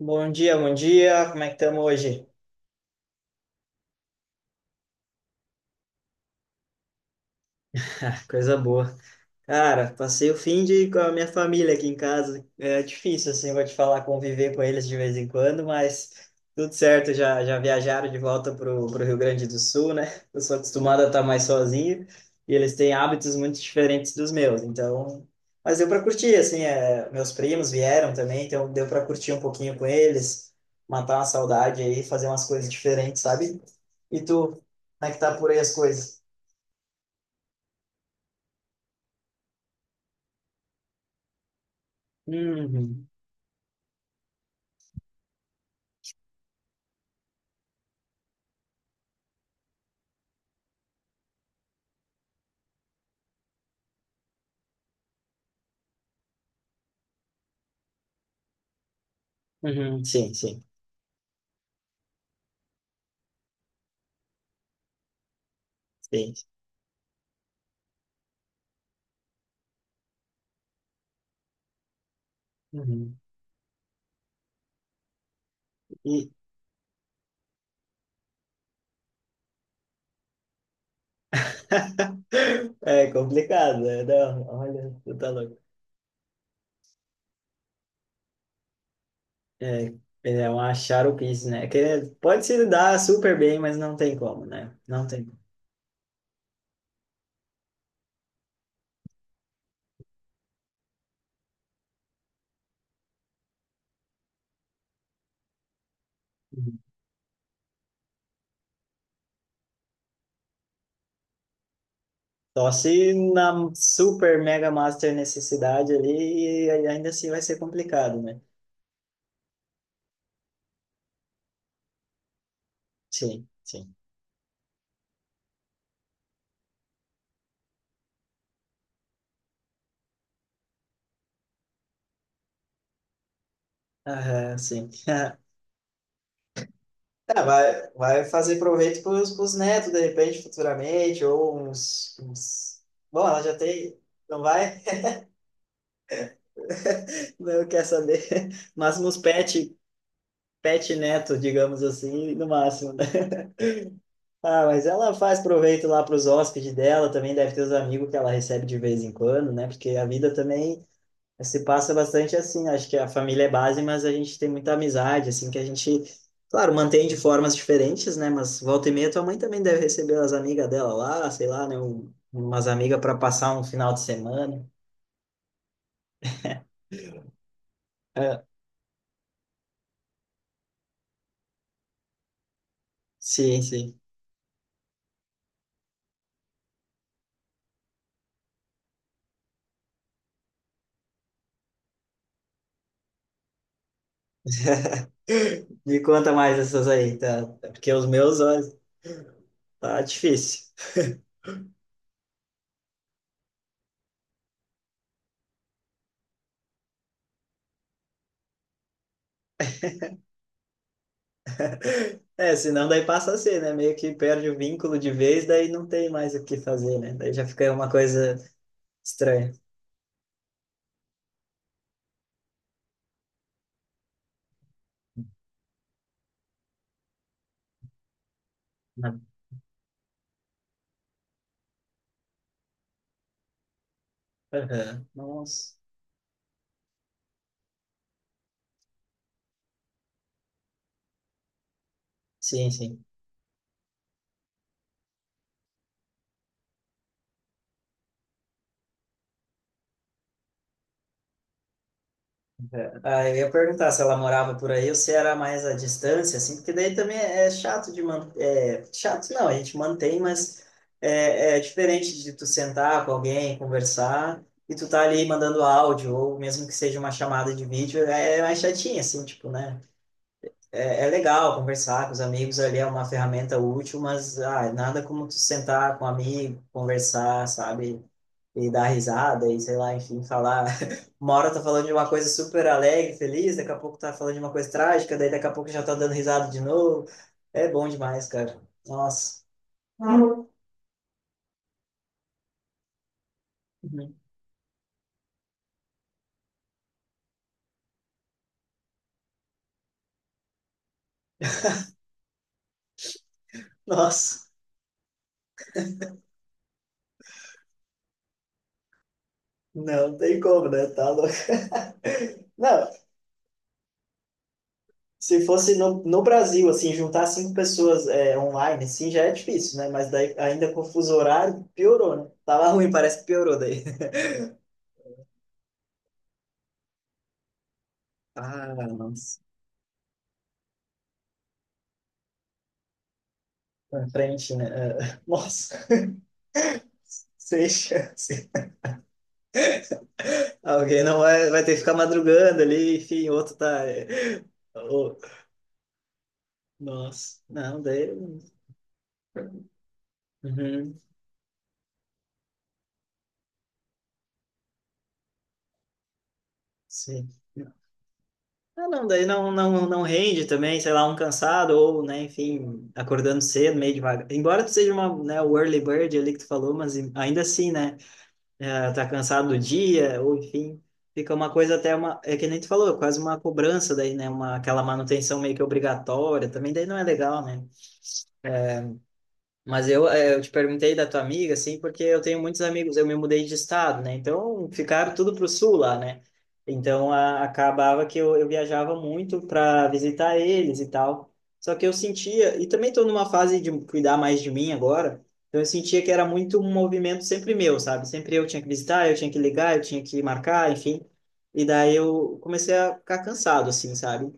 Bom dia, bom dia. Como é que estamos hoje? Coisa boa. Cara, passei o fim de com a minha família aqui em casa. É difícil, assim, vou te falar, conviver com eles de vez em quando, mas tudo certo, já viajaram de volta pro Rio Grande do Sul, né? Eu sou acostumado a estar mais sozinho e eles têm hábitos muito diferentes dos meus, então. Mas deu para curtir, assim, meus primos vieram também, então deu para curtir um pouquinho com eles, matar uma saudade aí, fazer umas coisas diferentes, sabe? E tu, como é que tá por aí as coisas? Uhum, uhum, sim, sim. Sim, uhum. E é complicado, né? Não, olha, tu tá louco. É, é um charupice, né? Que é, pode se dar super bem, mas não tem como, né? Não tem como. Uhum. Só se na super mega master necessidade ali, e ainda assim vai ser complicado, né? Sim, sim. Aham, sim. É, vai fazer proveito para os netos, de repente, futuramente, Bom, ela já tem. Não vai? Não quer saber. Mas uns pets pet neto, digamos assim, no máximo, né? Ah, mas ela faz proveito lá para os hóspedes dela, também deve ter os amigos que ela recebe de vez em quando, né? Porque a vida também se passa bastante assim. Acho que a família é base, mas a gente tem muita amizade, assim, que a gente, claro, mantém de formas diferentes, né? Mas volta e meia, tua mãe também deve receber as amigas dela lá, sei lá, né? Umas amigas para passar um final de semana. É, sim, sim. Me conta mais essas aí, tá? Porque os meus, ó, tá difícil. É, senão daí passa a ser, né? Meio que perde o vínculo de vez, daí não tem mais o que fazer, né? Daí já fica uma coisa estranha. Não. Aham. Nossa. Sim, sim. É. Ah, eu ia perguntar se ela morava por aí ou se era mais à distância, assim, porque daí também é chato de manter. É, chato não, a gente mantém, mas é diferente de tu sentar com alguém, conversar, e tu tá ali mandando áudio, ou mesmo que seja uma chamada de vídeo, é mais chatinho, assim, tipo, né? É, é legal conversar com os amigos ali, é uma ferramenta útil, mas nada como tu sentar com um amigo, conversar, sabe? E dar risada e sei lá, enfim, falar. Uma hora tá falando de uma coisa super alegre, feliz, daqui a pouco tá falando de uma coisa trágica, daí daqui a pouco já tá dando risada de novo. É bom demais, cara. Nossa. Uhum. Nossa. Não, tem como, né? Tá louco. Não, se fosse no Brasil, assim, juntar cinco pessoas é, online, assim, já é difícil, né? Mas daí, ainda com o fuso horário, piorou, né? Tava ruim, parece que piorou daí. Ah, nossa. Na frente, né? É, nossa, sem chance. Alguém não vai, vai ter que ficar madrugando ali, enfim, outro tá, é, ô, nossa, não, daí. Uhum, sim. Ah, não, daí não, não, não rende também, sei lá, um cansado ou, né, enfim, acordando cedo, meio devagar. Embora tu seja uma, né, o early bird ali que tu falou, mas ainda assim, né, tá cansado do dia, ou enfim, fica uma coisa até uma, é que nem tu falou, quase uma cobrança daí, né, aquela manutenção meio que obrigatória, também daí não é legal, né? Mas eu te perguntei da tua amiga, assim, porque eu tenho muitos amigos, eu me mudei de estado, né? Então ficaram tudo pro sul lá, né? Então acabava que eu viajava muito para visitar eles e tal. Só que eu sentia, e também estou numa fase de cuidar mais de mim agora, então eu sentia que era muito um movimento sempre meu, sabe? Sempre eu tinha que visitar, eu tinha que ligar, eu tinha que marcar, enfim. E daí eu comecei a ficar cansado, assim, sabe?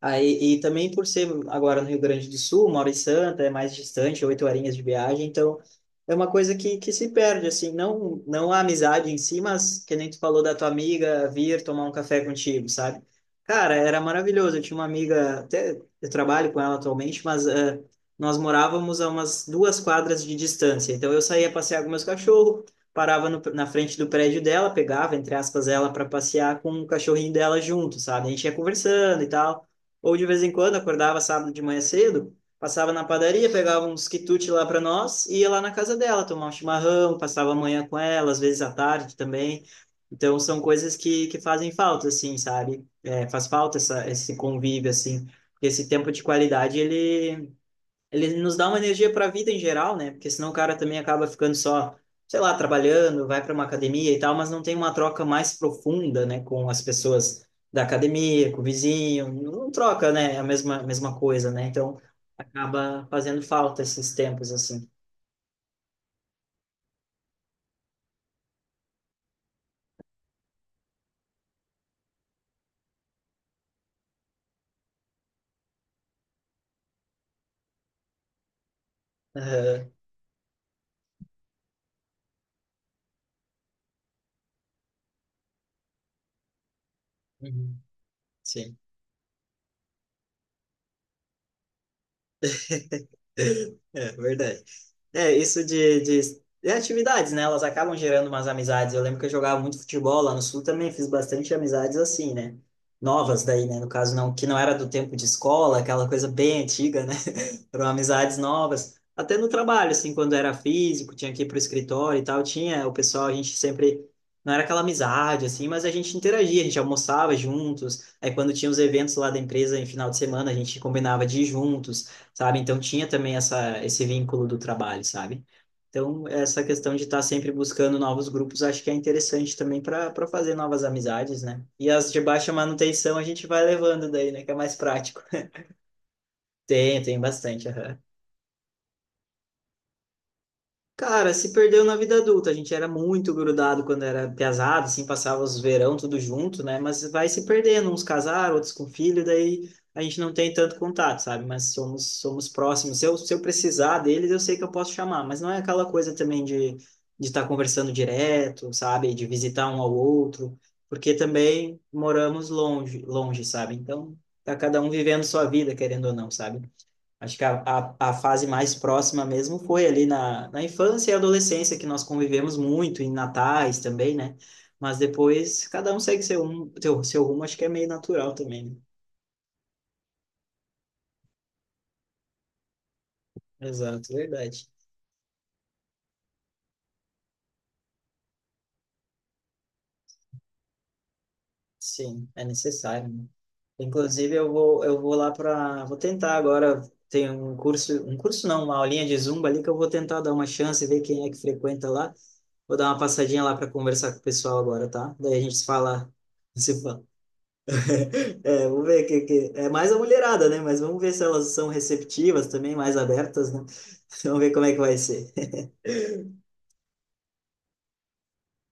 Aí, e também por ser agora no Rio Grande do Sul, Mauro e Santa é mais distante, oito horinhas de viagem, então é uma coisa que se perde, assim, não, não a amizade em si, mas que nem tu falou da tua amiga vir tomar um café contigo, sabe? Cara, era maravilhoso, eu tinha uma amiga, até eu trabalho com ela atualmente, mas nós morávamos a umas duas quadras de distância, então eu saía passear com meus cachorros, parava na frente do prédio dela, pegava, entre aspas, ela para passear com o cachorrinho dela junto, sabe? A gente ia conversando e tal, ou de vez em quando, acordava sábado de manhã cedo, passava na padaria, pegava uns quitutes lá para nós e ia lá na casa dela tomar um chimarrão, passava a manhã com ela, às vezes à tarde também. Então, são coisas que fazem falta, assim, sabe? É, faz falta esse convívio, assim. Esse tempo de qualidade, ele nos dá uma energia para a vida em geral, né? Porque senão o cara também acaba ficando só, sei lá, trabalhando, vai para uma academia e tal, mas não tem uma troca mais profunda, né, com as pessoas da academia, com o vizinho, não troca, né, a mesma coisa, né? Então acaba fazendo falta esses tempos assim. Aham. Uhum. Sim, é verdade. É, isso de atividades, né? Elas acabam gerando umas amizades. Eu lembro que eu jogava muito futebol lá no Sul também, fiz bastante amizades assim, né? Novas daí, né? No caso, não, que não era do tempo de escola, aquela coisa bem antiga, né? Foram amizades novas. Até no trabalho, assim, quando era físico, tinha que ir para o escritório e tal, tinha o pessoal, a gente sempre. Não era aquela amizade, assim, mas a gente interagia, a gente almoçava juntos. Aí, quando tinha os eventos lá da empresa em final de semana, a gente combinava de ir juntos, sabe? Então, tinha também esse vínculo do trabalho, sabe? Então, essa questão de estar sempre buscando novos grupos, acho que é interessante também para fazer novas amizades, né? E as de baixa manutenção a gente vai levando daí, né? Que é mais prático. Tem, tem bastante. Aham. Cara, se perdeu na vida adulta. A gente era muito grudado quando era piazada, assim, passava os verão tudo junto, né? Mas vai se perdendo, uns casaram, outros com filho, daí a gente não tem tanto contato, sabe? Mas somos próximos. Se eu precisar deles, eu sei que eu posso chamar, mas não é aquela coisa também de estar conversando direto, sabe? De visitar um ao outro, porque também moramos longe, longe, sabe? Então, tá cada um vivendo sua vida, querendo ou não, sabe? Acho que a fase mais próxima mesmo foi ali na infância e adolescência, que nós convivemos muito, em natais também, né? Mas depois cada um segue seu rumo, acho que é meio natural também, né? Exato, verdade. Sim, é necessário, né? Inclusive, eu vou lá para. Vou tentar agora. Tem um curso não, uma aulinha de Zumba ali que eu vou tentar dar uma chance, e ver quem é que frequenta lá. Vou dar uma passadinha lá para conversar com o pessoal agora, tá? Daí a gente se fala, se fala. É, vamos ver que é mais a mulherada, né? Mas vamos ver se elas são receptivas também, mais abertas, né? Vamos ver como é que vai ser.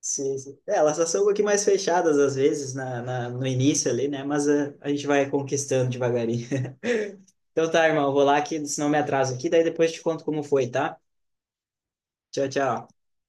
Sim, sim. É, elas só são um pouquinho mais fechadas às vezes no início ali, né? Mas a gente vai conquistando devagarinho. Então tá, irmão, eu vou lá que senão eu me atraso aqui, daí depois te conto como foi, tá? Tchau, tchau.